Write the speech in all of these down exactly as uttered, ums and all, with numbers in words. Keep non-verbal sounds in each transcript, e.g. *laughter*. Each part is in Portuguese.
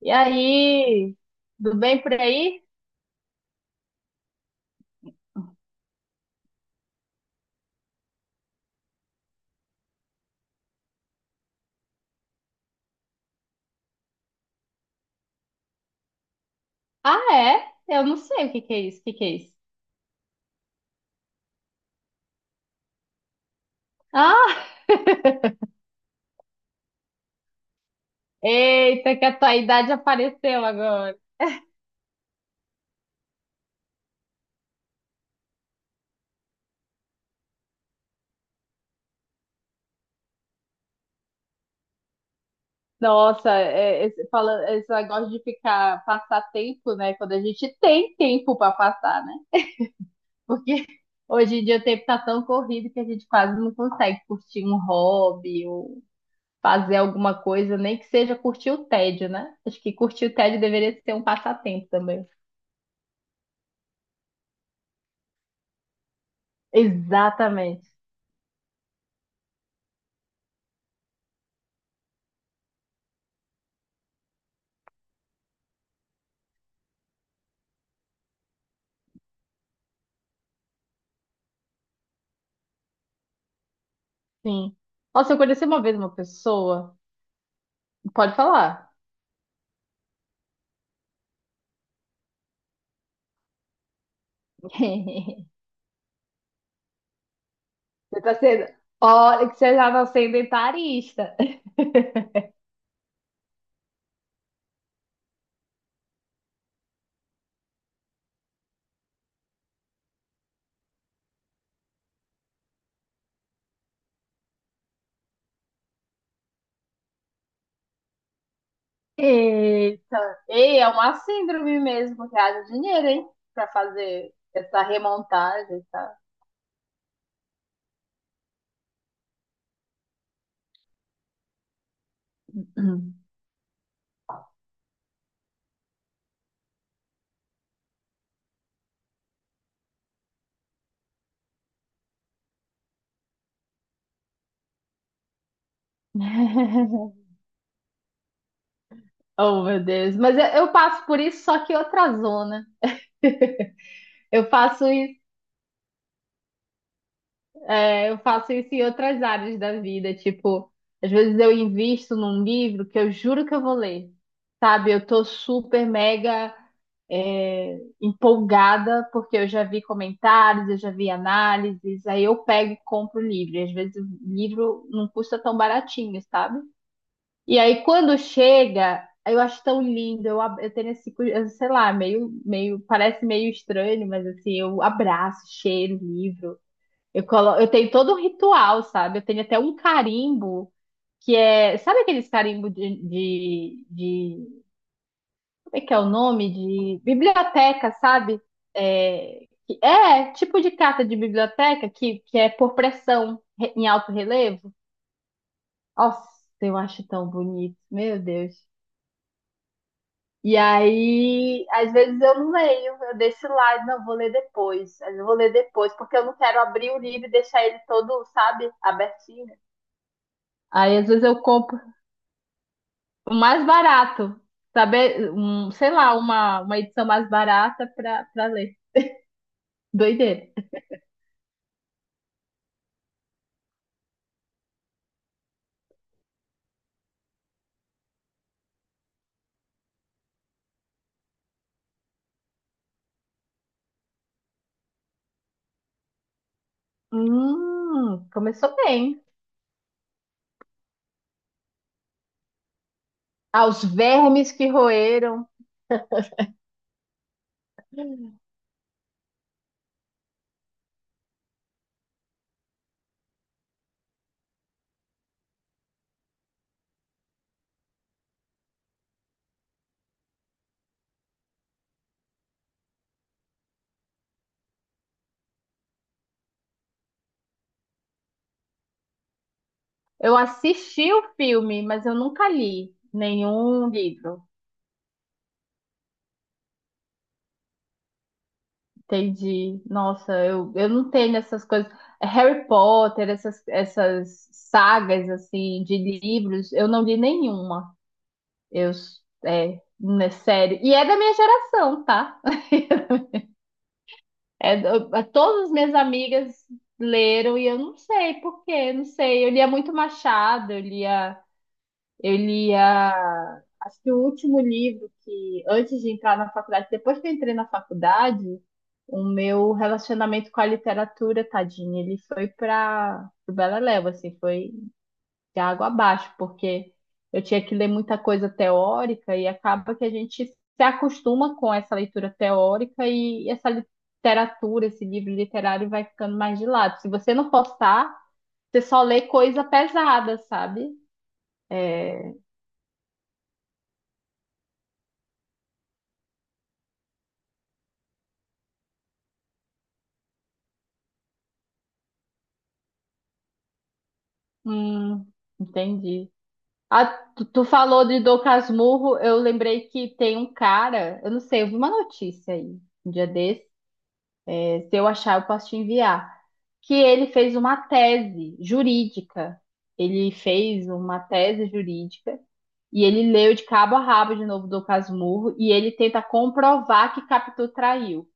E aí, tudo bem por aí? Ah, é? Eu não sei o que que é isso, o que que é isso? Ah, eita, que a tua idade apareceu agora. Nossa, é, esse, fala, é, esse negócio de ficar, passar tempo, né? Quando a gente tem tempo para passar, né? Porque *laughs* hoje em dia o tempo tá tão corrido que a gente quase não consegue curtir um hobby ou fazer alguma coisa, nem que seja curtir o tédio, né? Acho que curtir o tédio deveria ser um passatempo também. Exatamente. Sim. Nossa, eu conheci uma vez uma pessoa. Pode falar. *laughs* Você tá sendo. Olha, que você já tá sendo etarista. *laughs* Eita. Ei, é uma síndrome mesmo, que haja dinheiro, hein? Pra fazer essa remontagem, tá? Hum. *laughs* Oh, meu Deus. Mas eu eu passo por isso, só que outra zona. *laughs* Eu faço isso. É, eu faço isso em outras áreas da vida, tipo, às vezes eu invisto num livro que eu juro que eu vou ler, sabe? Eu tô super mega é, empolgada porque eu já vi comentários, eu já vi análises, aí eu pego e compro o livro. E às vezes o livro não custa tão baratinho, sabe? E aí quando chega, eu acho tão lindo, eu, ab- eu tenho esse, cu- eu sei lá, meio, meio, parece meio estranho, mas assim, eu abraço, cheiro o livro. Eu, colo... eu tenho todo um ritual, sabe? Eu tenho até um carimbo que é. Sabe aqueles carimbo de, de, de- Como é que é o nome? De biblioteca, sabe? É, que- é tipo de carta de biblioteca que, que é por pressão re- em alto relevo. Nossa, eu acho tão bonito, meu Deus. E aí, às vezes eu não leio, eu deixo lá, e não, vou ler depois, eu vou ler depois, porque eu não quero abrir o livro e deixar ele todo, sabe, abertinho. Aí às vezes eu compro o mais barato, sabe? Um, sei lá, uma, uma edição mais barata pra, pra ler. Doideira. Hum, começou bem. Aos vermes que roeram. Eu assisti o filme, mas eu nunca li nenhum livro. Entendi. Nossa, eu, eu não tenho essas coisas. Harry Potter, essas, essas sagas assim de livros, eu não li nenhuma. Eu, é, é sério. E é da minha geração, tá? *laughs* É, eu- todas as minhas amigas leram e eu não sei por quê, não sei. Eu lia muito Machado, eu lia, eu lia, acho que o último livro que antes de entrar na faculdade, depois que eu entrei na faculdade, o meu relacionamento com a literatura, tadinho, ele foi para o Beleléu, assim, foi de água abaixo, porque eu tinha que ler muita coisa teórica e acaba que a gente se acostuma com essa leitura teórica e essa literatura, esse livro literário vai ficando mais de lado. Se você não postar, você só lê coisa pesada, sabe? É, hum, entendi. Ah, tu, tu falou de Dom Casmurro, eu lembrei que tem um cara, eu não sei, eu vi uma notícia aí, um dia se eu achar, eu posso te enviar. Que ele fez uma tese jurídica. Ele fez uma tese jurídica e ele leu de cabo a rabo de novo do Casmurro e ele tenta comprovar que Capitu traiu.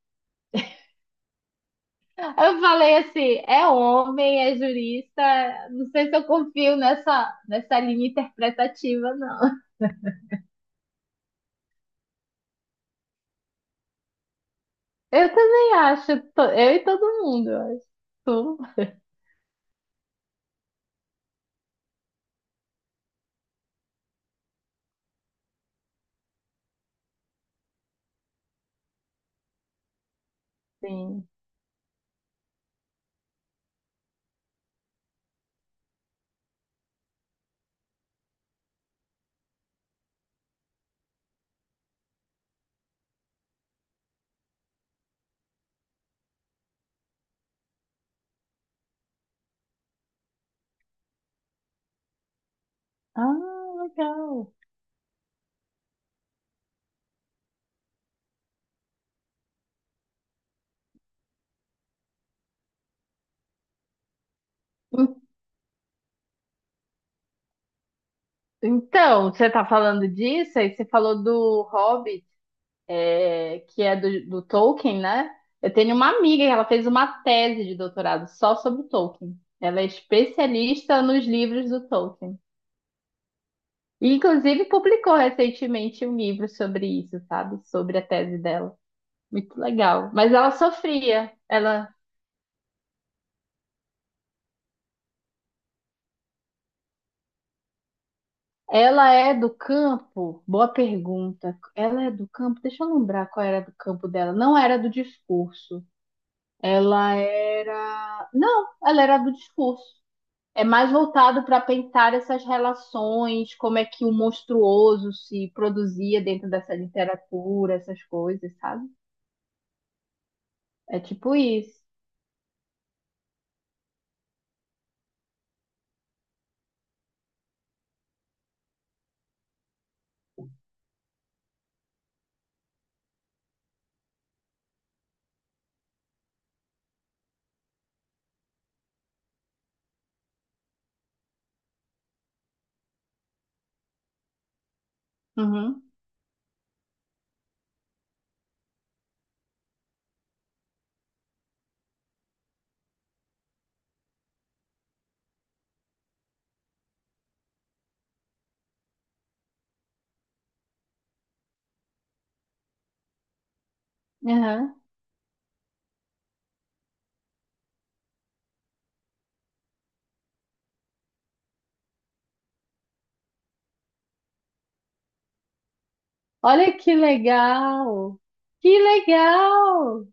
Eu falei assim, é homem, é jurista, não sei se eu confio nessa, nessa linha interpretativa, não. Eu também acho, to- eu e todo mundo, eu acho. Sim. Ah, legal. Então, você tá falando disso, aí você falou do Hobbit, é, que é do, do Tolkien, né? Eu tenho uma amiga que ela fez uma tese de doutorado só sobre o Tolkien. Ela é especialista nos livros do Tolkien. E, inclusive, publicou recentemente um livro sobre isso, sabe? Sobre a tese dela. Muito legal. Mas ela sofria. Ela, ela é do campo? Boa pergunta. Ela é do campo? Deixa eu lembrar qual era do campo dela. Não era do discurso. Ela era. Não, ela era do discurso. É mais voltado para pensar essas relações, como é que o monstruoso se produzia dentro dessa literatura, essas coisas, sabe? É tipo isso. Uhum, uhum. Olha que legal! Que legal!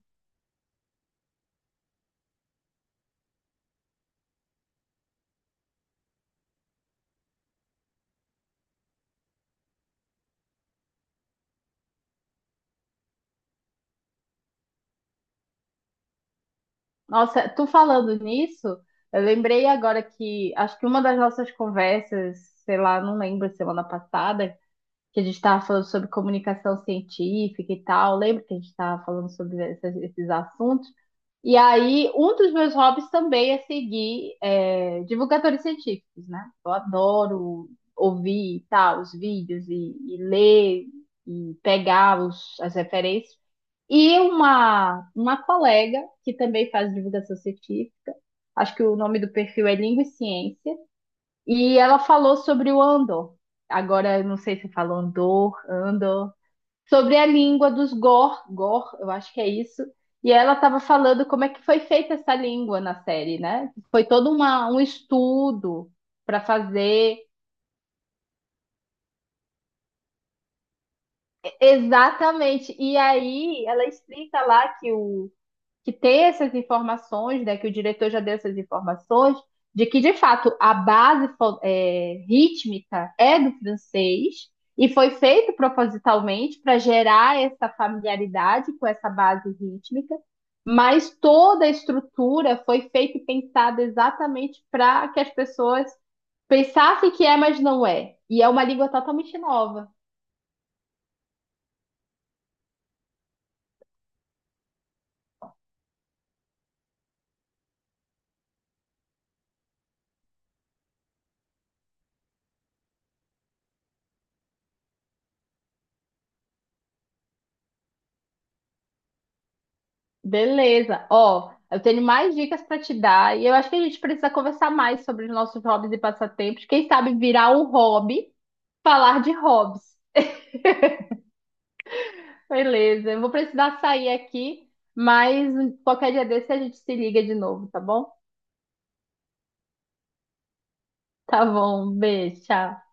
Nossa, tu falando nisso, eu lembrei agora que acho que uma das nossas conversas, sei lá, não lembro, semana passada, que a gente estava falando sobre comunicação científica e tal. Lembra que a gente estava falando sobre essas- esses assuntos? E aí, um dos meus hobbies também é seguir é, divulgadores científicos, né? Eu adoro ouvir e tal, os vídeos e, e ler e pegar os, as referências. E uma, uma colega que também faz divulgação científica, acho que o nome do perfil é Língua e Ciência, e ela falou sobre o Andor. Agora, eu não sei se fala Andor, Andor. Sobre a língua dos Gor, Gor, eu acho que é isso. E ela estava falando como é que foi feita essa língua na série, né? Foi todo uma, um estudo para fazer. Exatamente. E aí ela explica lá que o, que ter essas informações, né, que o diretor já deu essas informações, de que de fato a base é, rítmica é do francês e foi feito propositalmente para gerar essa familiaridade com essa base rítmica, mas toda a estrutura foi feita e pensada exatamente para que as pessoas pensassem que é, mas não é. E é uma língua totalmente nova. Beleza. Ó, eu tenho mais dicas para te dar e eu acho que a gente precisa conversar mais sobre os nossos hobbies e passatempos. Quem sabe virar um hobby, falar de hobbies. Beleza. Eu vou precisar sair aqui, mas qualquer dia desse a gente se liga de novo, tá bom? Tá bom. Um beijo. Tchau.